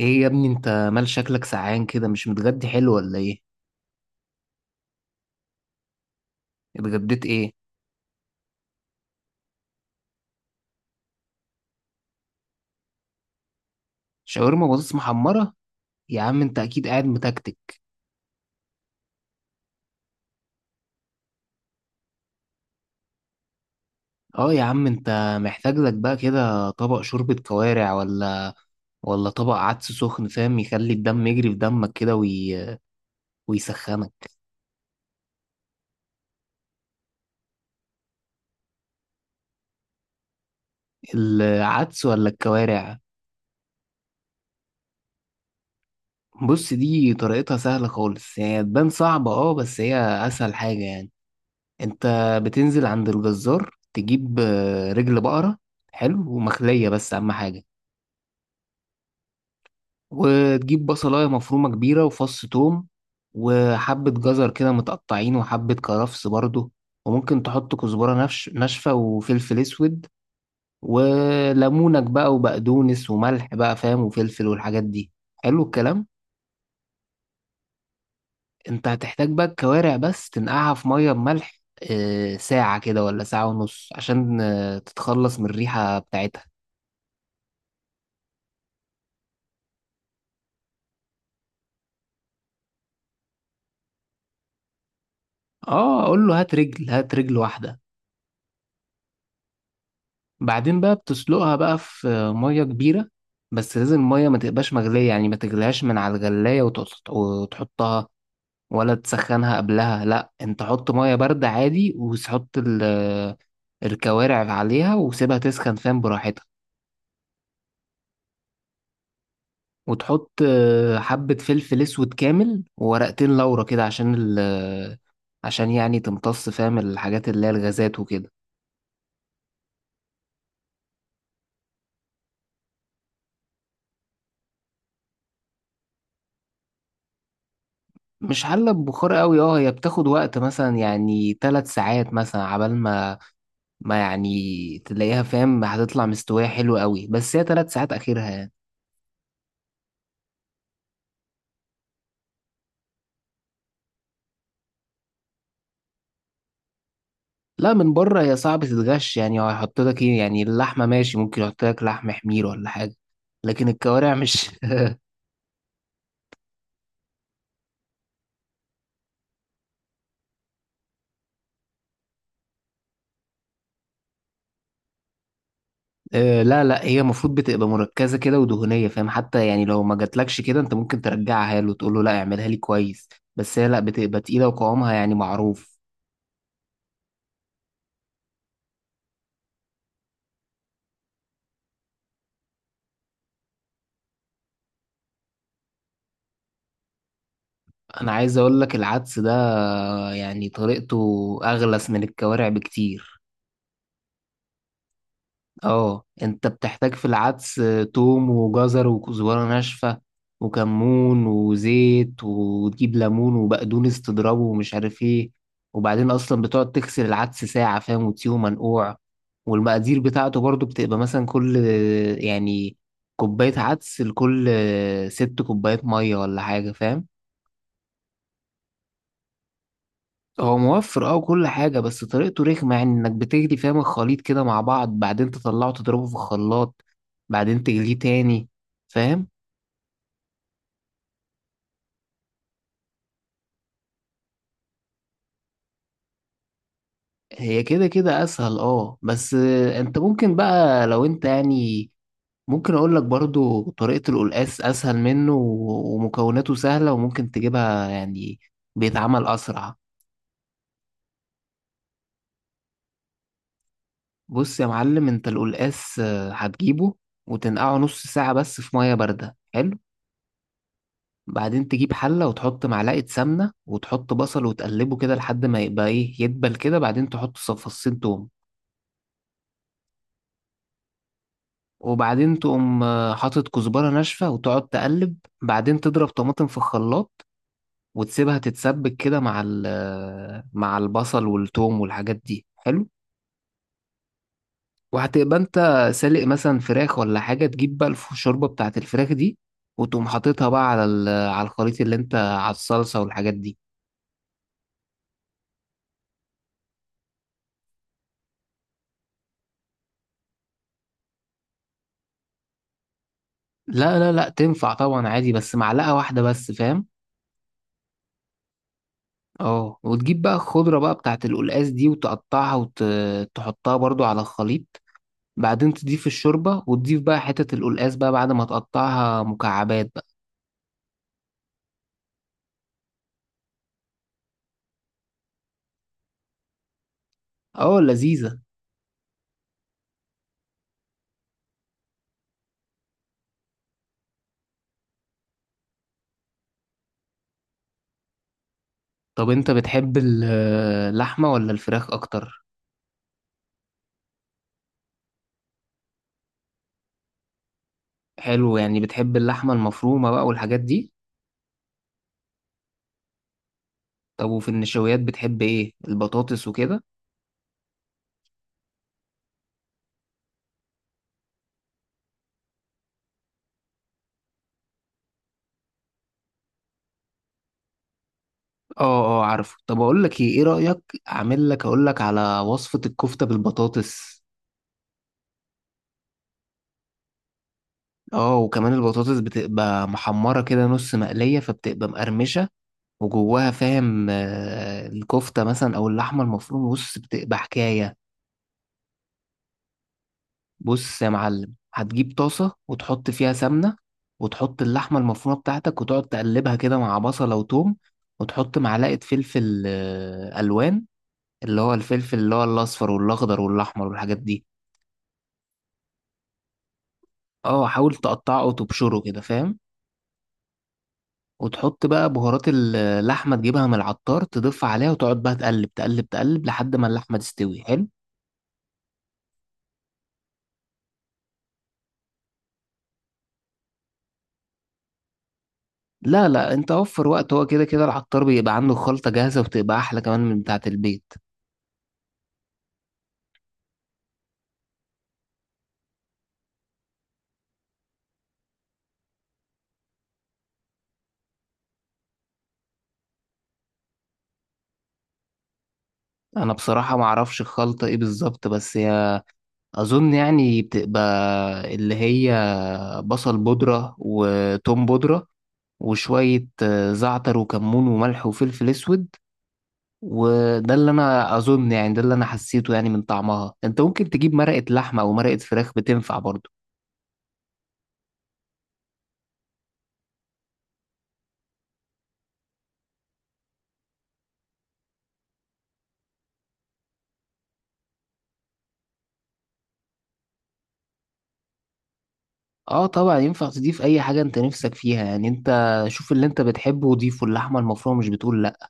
ايه يا ابني، انت مال شكلك سعان كده؟ مش متغدي حلو ولا ايه؟ اتغديت ايه؟ شاورما بطاطس محمرة؟ يا عم انت اكيد قاعد متكتك. اه يا عم انت محتاج لك بقى كده طبق شوربة كوارع، ولا ولا طبق عدس سخن فاهم، يخلي الدم يجري في دمك كده ويسخنك. العدس ولا الكوارع؟ بص، دي طريقتها سهلة خالص، هي تبان صعبة اه بس هي اسهل حاجة يعني. انت بتنزل عند الجزار، تجيب رجل بقرة حلو ومخلية، بس أهم حاجة. وتجيب بصلاية مفرومة كبيرة وفص توم، وحبة جزر كده متقطعين وحبة كرفس برضو. وممكن تحط كزبرة نفش ناشفة وفلفل أسود وليمونك بقى وبقدونس وملح بقى فاهم وفلفل والحاجات دي. حلو الكلام. انت هتحتاج بقى الكوارع، بس تنقعها في مية بملح ساعة كده ولا ساعة ونص، عشان تتخلص من الريحة بتاعتها. اه، اقول له هات رجل، هات رجل واحدة. بعدين بقى بتسلقها بقى في مية كبيرة، بس لازم المية ما تبقاش مغلية، يعني ما تغليهاش من على الغلاية وتحطها، ولا تسخنها قبلها. لا انت حط مية باردة عادي وتحط الكوارع عليها، وسيبها تسخن فاهم براحتها. وتحط حبة فلفل اسود كامل وورقتين لورا كده، عشان يعني تمتص فاهم الحاجات اللي هي الغازات وكده. مش حلة ببخار قوي، اه هي بتاخد وقت مثلا يعني 3 ساعات، مثلا عبال ما يعني تلاقيها فاهم هتطلع مستوية حلوة قوي، بس هي 3 ساعات آخرها يعني. لا من بره هي صعب تتغش يعني، هو هيحط لك ايه يعني اللحمة ماشي، ممكن يحط لك لحم حمير ولا حاجة، لكن الكوارع مش. آه، لا لا، هي المفروض بتبقى مركزة كده ودهنية فاهم، حتى يعني لو ما جاتلكش كده انت ممكن ترجعها له وتقول له لا اعملها لي كويس. بس هي لا بتبقى تقيلة وقوامها يعني معروف. انا عايز اقول لك العدس ده يعني طريقته اغلس من الكوارع بكتير. اه، انت بتحتاج في العدس توم وجزر وكزبرة ناشفة وكمون وزيت، وتجيب ليمون وبقدونس تضربه ومش عارف ايه. وبعدين اصلا بتقعد تغسل العدس ساعة فاهم وتسيبه منقوع. والمقادير بتاعته برضو بتبقى مثلا كل يعني كوباية عدس لكل 6 كوبايات مية ولا حاجة فاهم. هو موفر اه وكل حاجة، بس طريقته رخمة يعني انك بتجري فاهم الخليط كده مع بعض، بعدين تطلعه تضربه في الخلاط، بعدين تجليه تاني فاهم. هي كده كده اسهل اه، بس انت ممكن بقى لو انت يعني، ممكن اقول لك برضو طريقة القلقاس اسهل منه و- ومكوناته سهلة وممكن تجيبها يعني، بيتعمل اسرع. بص يا معلم، انت القلقاس هتجيبه وتنقعه نص ساعة بس في مية باردة، حلو. بعدين تجيب حلة وتحط معلقة سمنة وتحط بصل وتقلبه كده لحد ما يبقى ايه، يدبل كده، بعدين تحط فصين توم. وبعدين تقوم حاطط كزبرة ناشفة وتقعد تقلب. بعدين تضرب طماطم في الخلاط وتسيبها تتسبك كده مع مع البصل والثوم والحاجات دي، حلو. وهتبقى انت سالق مثلا فراخ ولا حاجة، تجيب بقى الشوربة بتاعت الفراخ دي، وتقوم حاططها بقى على على الخليط اللي انت، على الصلصة والحاجات دي. لا لا لا، تنفع طبعا عادي، بس معلقة واحدة بس فاهم. اه، وتجيب بقى الخضرة بقى بتاعت القلقاس دي وتقطعها وتحطها برضو على الخليط. بعدين تضيف الشوربة، وتضيف بقى حتة القلقاس بقى بعد ما تقطعها مكعبات بقى. اه، لذيذة. طب انت بتحب اللحمة ولا الفراخ اكتر؟ حلو، يعني بتحب اللحمة المفرومة بقى والحاجات دي. طب وفي النشويات بتحب ايه، البطاطس وكده؟ اه اه، عارفه. طب اقول لك ايه، ايه رأيك اعمل لك، اقول لك على وصفة الكفتة بالبطاطس. اه، وكمان البطاطس بتبقى محمرة كده نص مقلية فبتبقى مقرمشة، وجواها فاهم الكفتة مثلا أو اللحمة المفرومة، بص بتبقى حكاية. بص يا معلم هتجيب طاسة وتحط فيها سمنة وتحط اللحمة المفرومة بتاعتك وتقعد تقلبها كده مع بصلة وتوم. وتحط معلقة فلفل ألوان، اللي هو الفلفل اللي هو الأصفر والأخضر والأحمر والحاجات دي. اه، حاول تقطعه وتبشره كده فاهم. وتحط بقى بهارات اللحمة تجيبها من العطار تضيف عليها، وتقعد بقى تقلب تقلب تقلب لحد ما اللحمة تستوي، حلو. لا لا، انت وفر وقت، هو كده كده العطار بيبقى عنده خلطة جاهزة وبتبقى احلى كمان من بتاعة البيت. انا بصراحة ما اعرفش الخلطة ايه بالظبط، بس هي اظن يعني بتبقى اللي هي بصل بودرة وتوم بودرة وشوية زعتر وكمون وملح وفلفل اسود. وده اللي انا اظن يعني ده اللي انا حسيته يعني من طعمها. انت ممكن تجيب مرقة لحمة او مرقة فراخ، بتنفع برضه. اه طبعا، ينفع تضيف اي حاجة انت نفسك فيها يعني. انت شوف اللي انت بتحبه وضيفه، اللحمة المفرومة مش بتقول لا.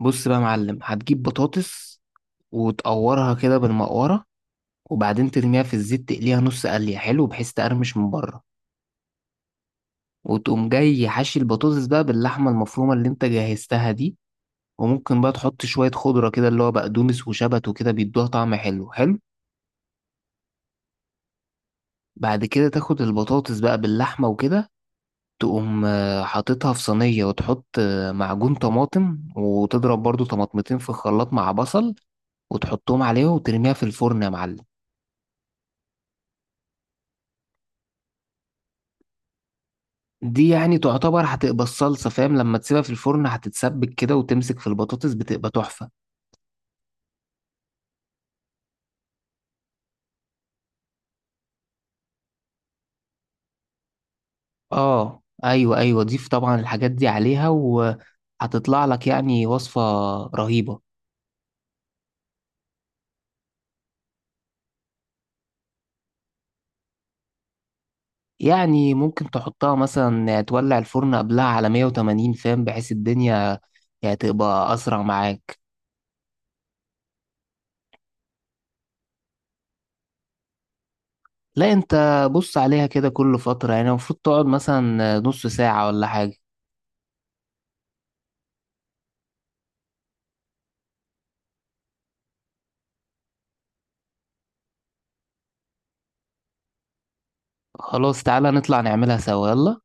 بص بقى يا معلم، هتجيب بطاطس وتقورها كده بالمقورة، وبعدين ترميها في الزيت تقليها نص قلية، حلو، بحيث تقرمش من بره. وتقوم جاي حاشي البطاطس بقى باللحمة المفرومة اللي انت جهزتها دي. وممكن بقى تحط شوية خضرة كده، اللي هو بقدونس وشبت وكده بيدوها طعم حلو حلو. بعد كده تاخد البطاطس بقى باللحمة وكده، تقوم حاططها في صينية وتحط معجون طماطم وتضرب برضو طماطمتين في الخلاط مع بصل، وتحطهم عليها وترميها في الفرن يا معلم. دي يعني تعتبر هتبقى الصلصة فاهم، لما تسيبها في الفرن هتتسبك كده وتمسك في البطاطس، بتبقى تحفة. اه ايوه ايوه، ضيف طبعا الحاجات دي عليها وهتطلع لك يعني وصفة رهيبة. يعني ممكن تحطها مثلا تولع الفرن قبلها على 180 فاهم، بحيث الدنيا يعني تبقى أسرع معاك. لا أنت بص عليها كده كل فترة، يعني المفروض تقعد مثلا نص ساعة ولا حاجة. خلاص تعالى نطلع نعملها سوا يلا.